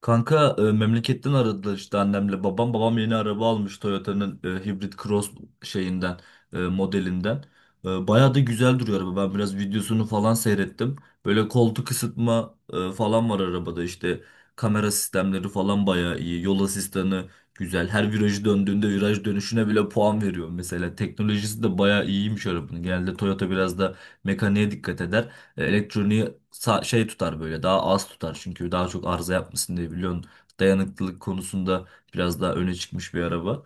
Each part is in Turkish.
Kanka, memleketten aradılar işte annemle babam. Babam yeni araba almış Toyota'nın Hybrid Cross şeyinden modelinden. Bayağı da güzel duruyor araba. Ben biraz videosunu falan seyrettim. Böyle koltuk ısıtma falan var arabada işte kamera sistemleri falan bayağı iyi. Yol asistanı güzel. Her virajı döndüğünde viraj dönüşüne bile puan veriyor mesela. Teknolojisi de bayağı iyiymiş arabanın. Genelde Toyota biraz da mekaniğe dikkat eder. Elektroniği tutar böyle daha az tutar çünkü daha çok arıza yapmasın diye biliyorsun, dayanıklılık konusunda biraz daha öne çıkmış bir araba.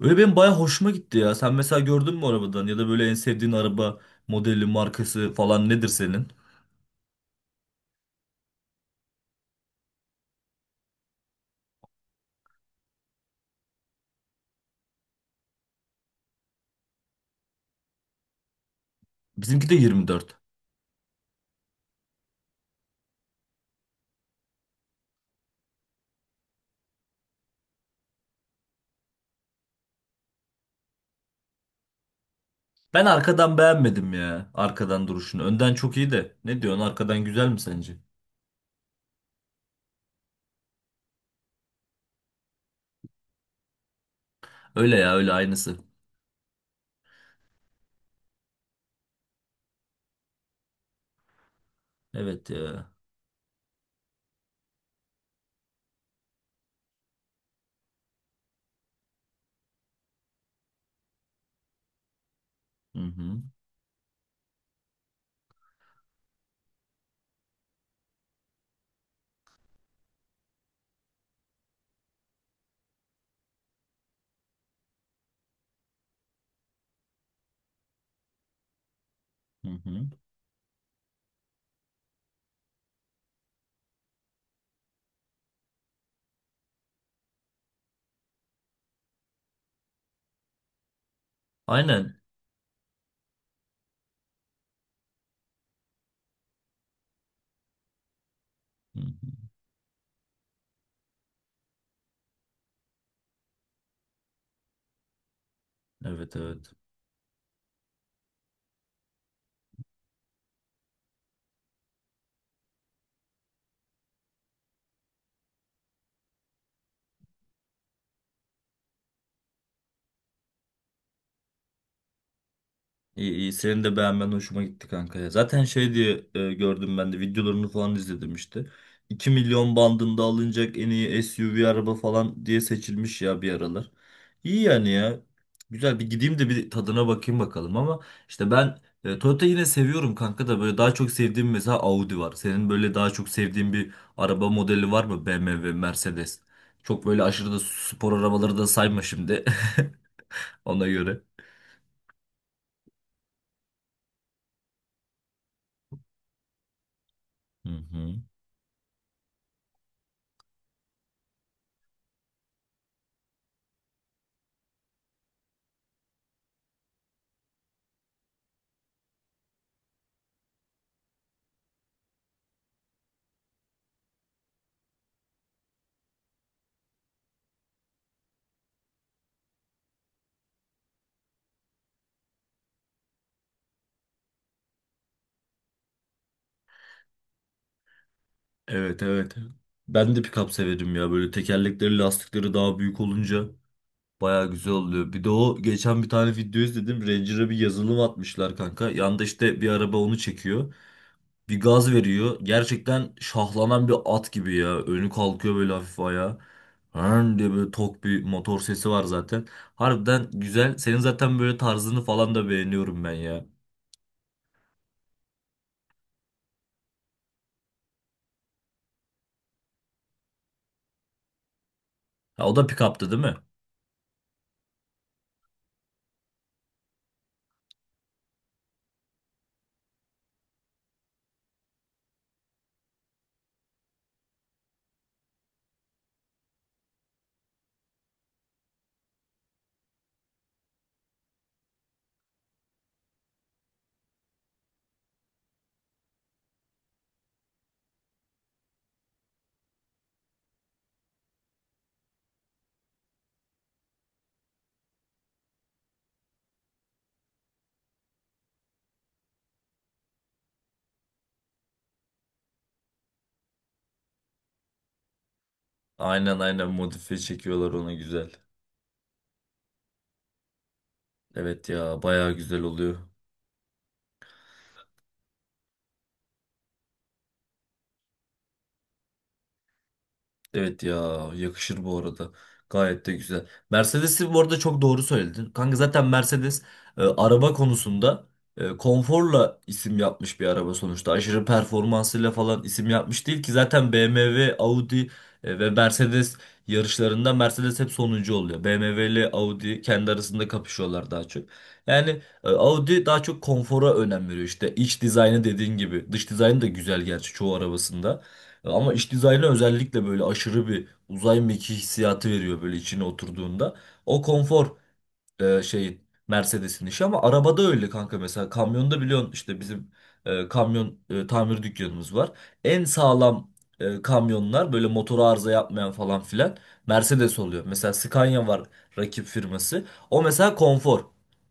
Öyle benim baya hoşuma gitti ya. Sen mesela gördün mü arabadan, ya da böyle en sevdiğin araba modeli, markası falan nedir senin? Bizimki de 24. Ben arkadan beğenmedim ya, arkadan duruşunu. Önden çok iyi de, ne diyorsun arkadan güzel mi sence? Öyle ya, öyle aynısı. Evet ya. Hı hı. Hı hı. Aynen. Hı hı. Evet, evet. İyi iyi, senin de beğenmen hoşuma gitti kanka ya. Zaten şey diye gördüm, ben de videolarını falan izledim işte. 2 milyon bandında alınacak en iyi SUV araba falan diye seçilmiş ya bir aralar. İyi yani ya. Güzel, bir gideyim de bir tadına bakayım bakalım, ama işte ben Toyota yine seviyorum kanka da, böyle daha çok sevdiğim mesela Audi var. Senin böyle daha çok sevdiğin bir araba modeli var mı? BMW, Mercedes. Çok böyle aşırı da spor arabaları da sayma şimdi ona göre. Hı hı. Evet, evet. Ben de pick-up severim ya. Böyle tekerlekleri, lastikleri daha büyük olunca baya güzel oluyor. Bir de o geçen bir tane video izledim. Ranger'a bir yazılım atmışlar kanka. Yanda işte bir araba onu çekiyor. Bir gaz veriyor. Gerçekten şahlanan bir at gibi ya. Önü kalkıyor böyle, hafif ayağa. Hırn diye böyle tok bir motor sesi var zaten. Harbiden güzel. Senin zaten böyle tarzını falan da beğeniyorum ben ya. Ha, o da pick-up'tı değil mi? Aynen, aynen, modifiye çekiyorlar ona, güzel. Evet ya, bayağı güzel oluyor. Evet ya, yakışır bu arada. Gayet de güzel. Mercedes'i bu arada çok doğru söyledin. Kanka zaten Mercedes araba konusunda konforla isim yapmış bir araba sonuçta. Aşırı performansıyla falan isim yapmış değil ki zaten, BMW, Audi ve Mercedes yarışlarında Mercedes hep sonuncu oluyor. BMW ile Audi kendi arasında kapışıyorlar daha çok. Yani Audi daha çok konfora önem veriyor, İşte iç dizaynı dediğin gibi. Dış dizaynı da güzel gerçi çoğu arabasında. Ama iç dizaynı özellikle böyle aşırı bir uzay mekiği hissiyatı veriyor böyle içine oturduğunda. O konfor e, şeyin Mercedes'in işi, ama arabada öyle kanka, mesela kamyonda biliyorsun işte bizim kamyon tamir dükkanımız var. En sağlam kamyonlar, böyle motoru arıza yapmayan falan filan, Mercedes oluyor. Mesela Scania var, rakip firması. O mesela konfor.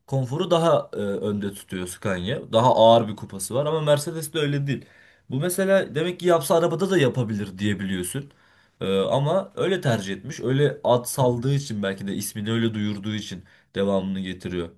Konforu daha önde tutuyor Scania. Daha ağır bir kupası var ama Mercedes de öyle değil. Bu mesela demek ki yapsa arabada da yapabilir diyebiliyorsun. Ama öyle tercih etmiş. Öyle ad saldığı için, belki de ismini öyle duyurduğu için devamını getiriyor.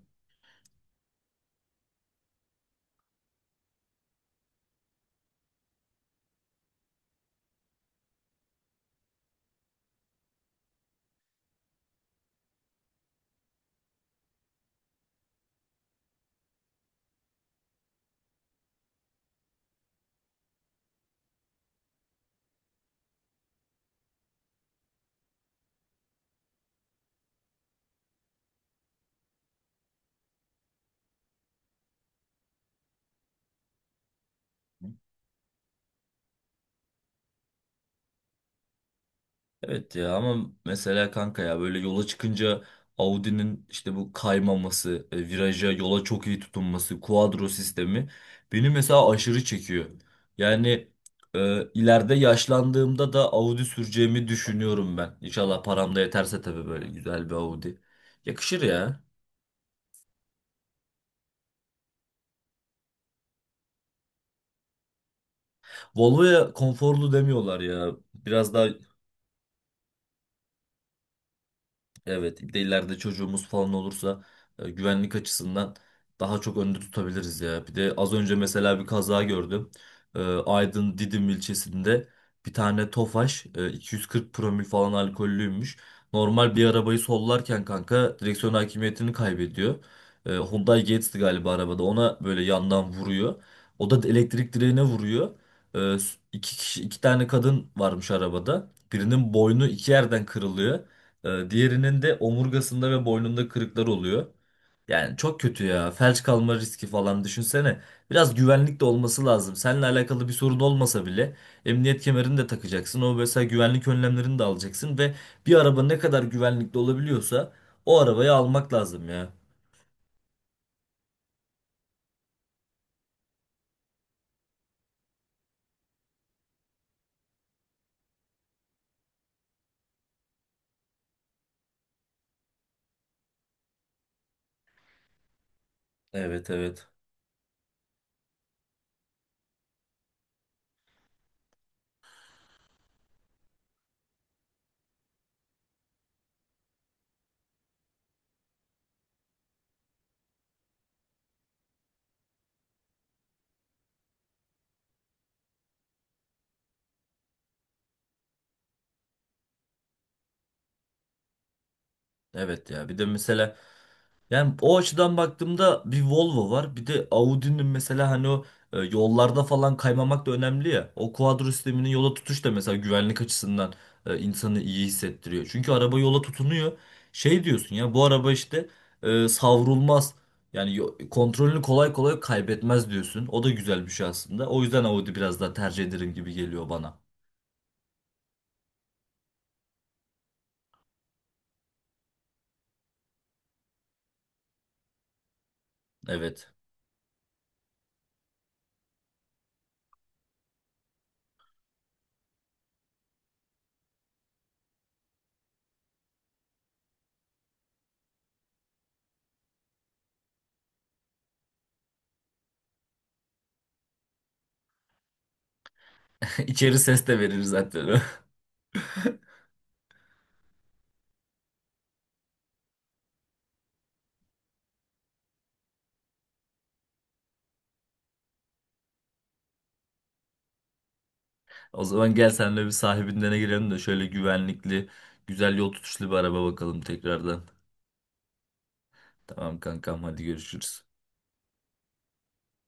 Evet ya, ama mesela kanka ya, böyle yola çıkınca Audi'nin işte bu kaymaması, viraja, yola çok iyi tutunması, kuadro sistemi beni mesela aşırı çekiyor. Yani ileride yaşlandığımda da Audi süreceğimi düşünüyorum ben. İnşallah param da yeterse tabii, böyle güzel bir Audi. Yakışır ya. Volvo'ya konforlu demiyorlar ya. Biraz daha... Evet, bir de ileride çocuğumuz falan olursa güvenlik açısından daha çok önde tutabiliriz ya. Bir de az önce mesela bir kaza gördüm. Aydın Didim ilçesinde bir tane Tofaş 240 promil falan alkollüymüş. Normal bir arabayı sollarken kanka direksiyon hakimiyetini kaybediyor. Hyundai Getz'ti galiba arabada. Ona böyle yandan vuruyor. O da elektrik direğine vuruyor. E, iki kişi, iki tane kadın varmış arabada. Birinin boynu iki yerden kırılıyor. Diğerinin de omurgasında ve boynunda kırıklar oluyor. Yani çok kötü ya. Felç kalma riski falan düşünsene. Biraz güvenlik de olması lazım. Seninle alakalı bir sorun olmasa bile, emniyet kemerini de takacaksın. O mesela, güvenlik önlemlerini de alacaksın ve bir araba ne kadar güvenlikli olabiliyorsa o arabayı almak lazım ya. Evet, evet. Evet ya. Bir de mesela... Yani o açıdan baktığımda bir Volvo var. Bir de Audi'nin mesela, hani o yollarda falan kaymamak da önemli ya. O kuadro sisteminin yola tutuş da mesela güvenlik açısından insanı iyi hissettiriyor. Çünkü araba yola tutunuyor. Şey diyorsun ya, bu araba işte savrulmaz. Yani kontrolünü kolay kolay kaybetmez diyorsun. O da güzel bir şey aslında. O yüzden Audi biraz daha tercih ederim gibi geliyor bana. Evet. İçeri ses de verir zaten. O zaman gel senle bir sahibinden girelim de şöyle güvenlikli, güzel yol tutuşlu bir araba bakalım tekrardan. Tamam kankam, hadi görüşürüz.